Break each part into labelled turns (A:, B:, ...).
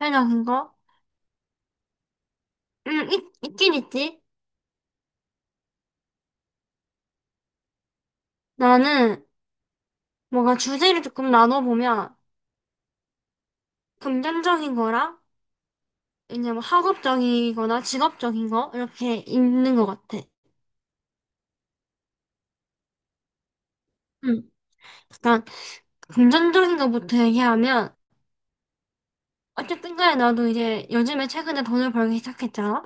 A: 해니나 그거? 응, 있, 있긴 있지. 나는 뭔가 주제를 조금 나눠보면 금전적인 거랑 이제 뭐 학업적이거나 직업적인 거 이렇게 있는 것 같아. 응. 약간 금전적인 거부터 얘기하면 어쨌든 간에 나도 이제 요즘에 최근에 돈을 벌기 시작했잖아.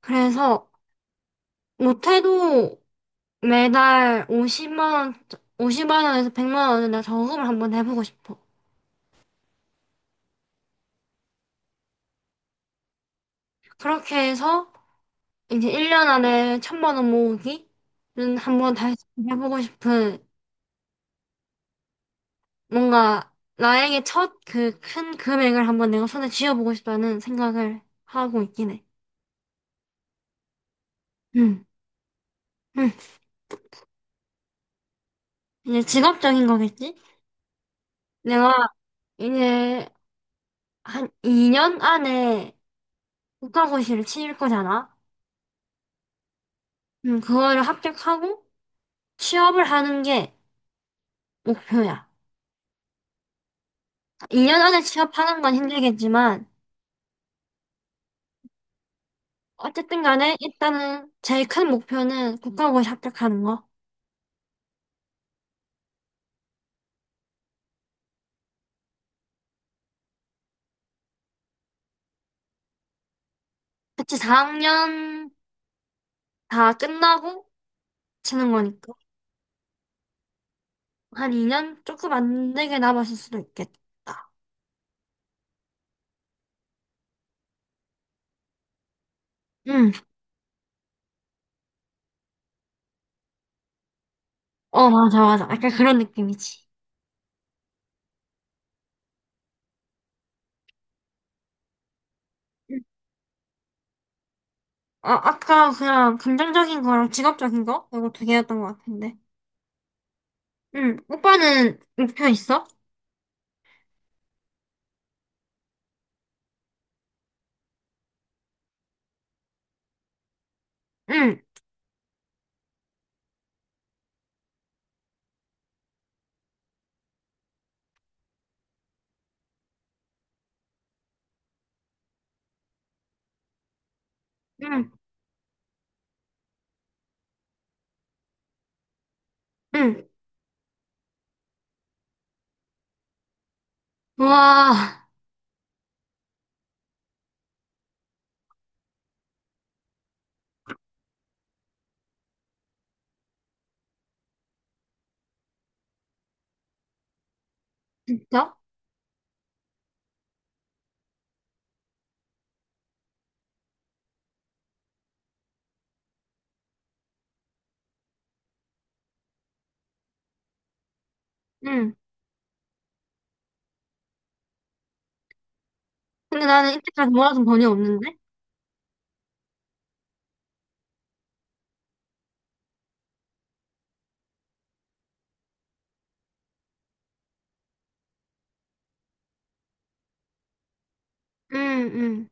A: 그래서 못해도 매달 50만 원, 50만 원에서 100만 원을 나 저금을 한번 해보고 싶어. 그렇게 해서 이제 1년 안에 1,000만 원 모으기는 한번 다시 해보고 싶은 뭔가 나에게 첫 그 큰 금액을 한번 내가 손에 쥐어보고 싶다는 생각을 하고 있긴 해. 음, 음. 이제 직업적인 거겠지? 내가 이제 한 2년 안에 국가고시를 치를 거잖아. 그거를 합격하고 취업을 하는 게 목표야. 2년 안에 취업하는 건 힘들겠지만 어쨌든 간에 일단은 제일 큰 목표는 국가고시 합격하는 거. 그치, 4학년 다 끝나고 치는 거니까. 한 2년? 조금 안 되게 남았을 수도 있겠다. 응, 어, 맞아, 맞아. 약간 그런 느낌이지. 응. 아, 아까 그냥 긍정적인 거랑 직업적인 거? 이거 두 개였던 것 같은데. 응, 오빠는 목표 있어? 응, 응, 응. 우와, 진짜? 응. 근데 나는 이때까지 모아둔 돈이 없는데? 응, 응.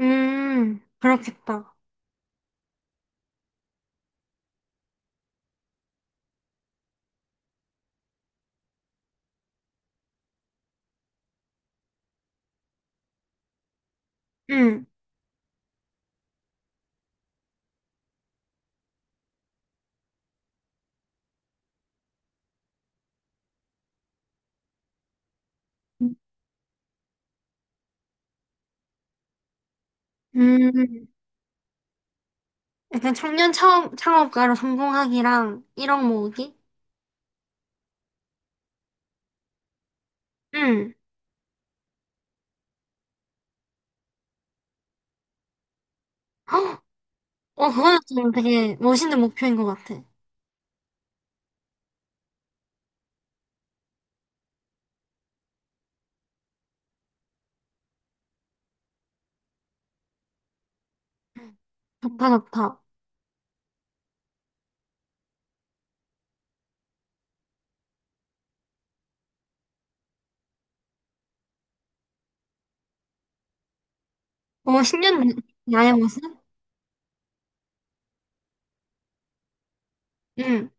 A: 그렇겠다. 응, 응 약간 청년 창업, 창업가로 성공하기랑 1억 모으기? 응. 헉! 어, 그거는 좀 되게 멋있는 목표인 것 같아. 좋다, 좋다. 어, 10년 나의 모습? 응.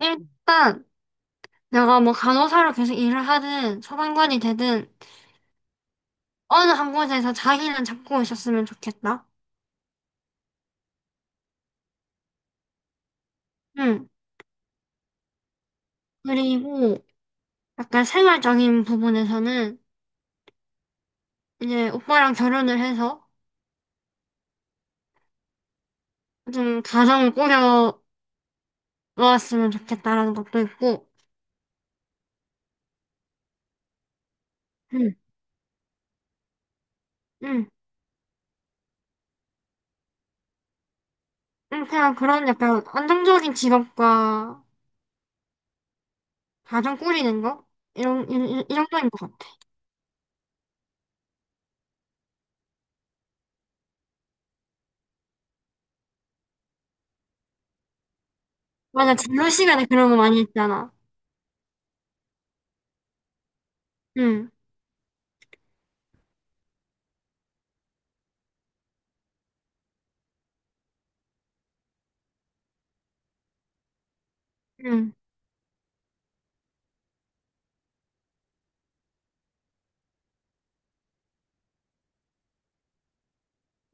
A: 일단, 내가 뭐 간호사로 계속 일을 하든, 소방관이 되든, 어느 한 곳에서 자기는 잡고 있었으면 좋겠다. 응. 그리고, 약간 생활적인 부분에서는, 이제 오빠랑 결혼을 해서, 좀 가정을 꾸려왔으면 좋겠다라는 것도 있고, 응, 응, 그냥 그런 약간 안정적인 직업과 가정 꾸리는 거? 이런, 이, 이 정도인 것 같아. 맞아, 진로 시간에 그런 거 많이 했잖아. 응, 응,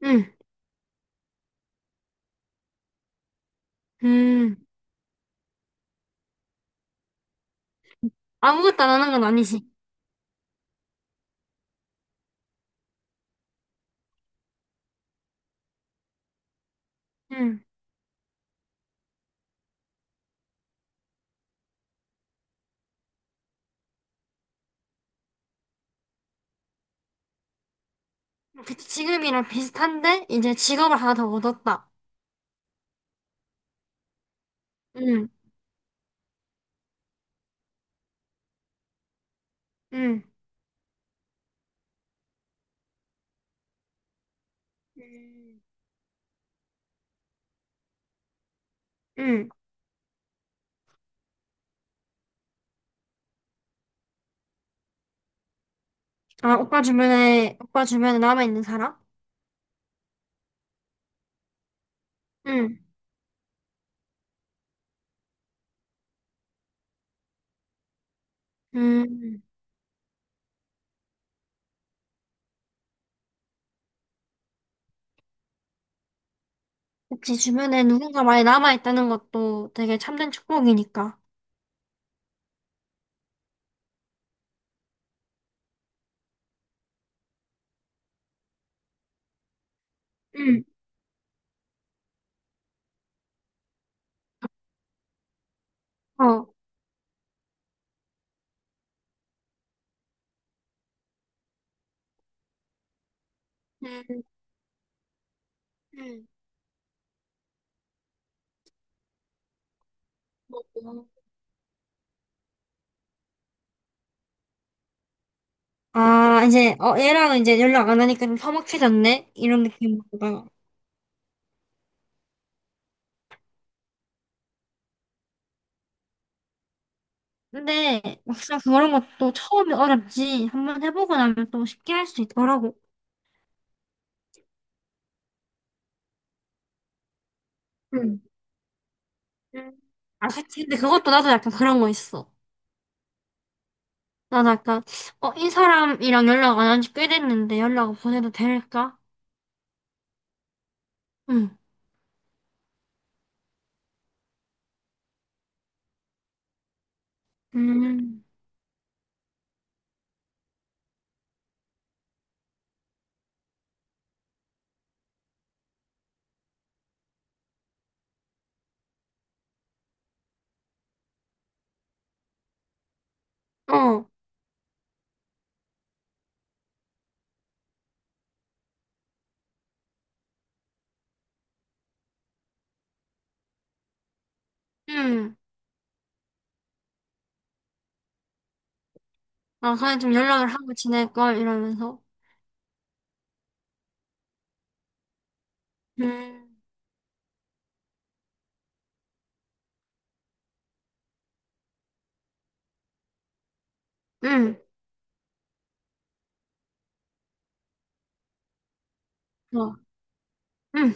A: 응, 응. 아무것도 안 하는 건 아니지. 응. 그치, 지금이랑 비슷한데, 이제 직업을 하나 더 얻었다. 응, 응, 음. 응. 아, 오빠 주변에, 오빠 주변에 남아있는 사람? 응, 응. 그치, 주변에 누군가 많이 남아있다는 것도 되게 참된 축복이니까. 응. 어. 음, 음. 아, 이제, 어, 얘랑 이제 연락 안 하니까 좀 서먹해졌네? 이런 느낌으로다. 근데 막상 그런 것도 처음이 어렵지. 한 번 해보고 나면 또 쉽게 할 수 있더라고. 응. 음. 아, 그치. 근데 그것도 나도 약간 그런 거 있어. 나도 약간, 어, 이 사람이랑 연락 안 한 지 꽤 됐는데 연락을 보내도 될까? 응. 음. 어, 응. 아, 그냥 좀 연락을 하고 지낼걸, 이러면서. 음. 응. 좋아. 응.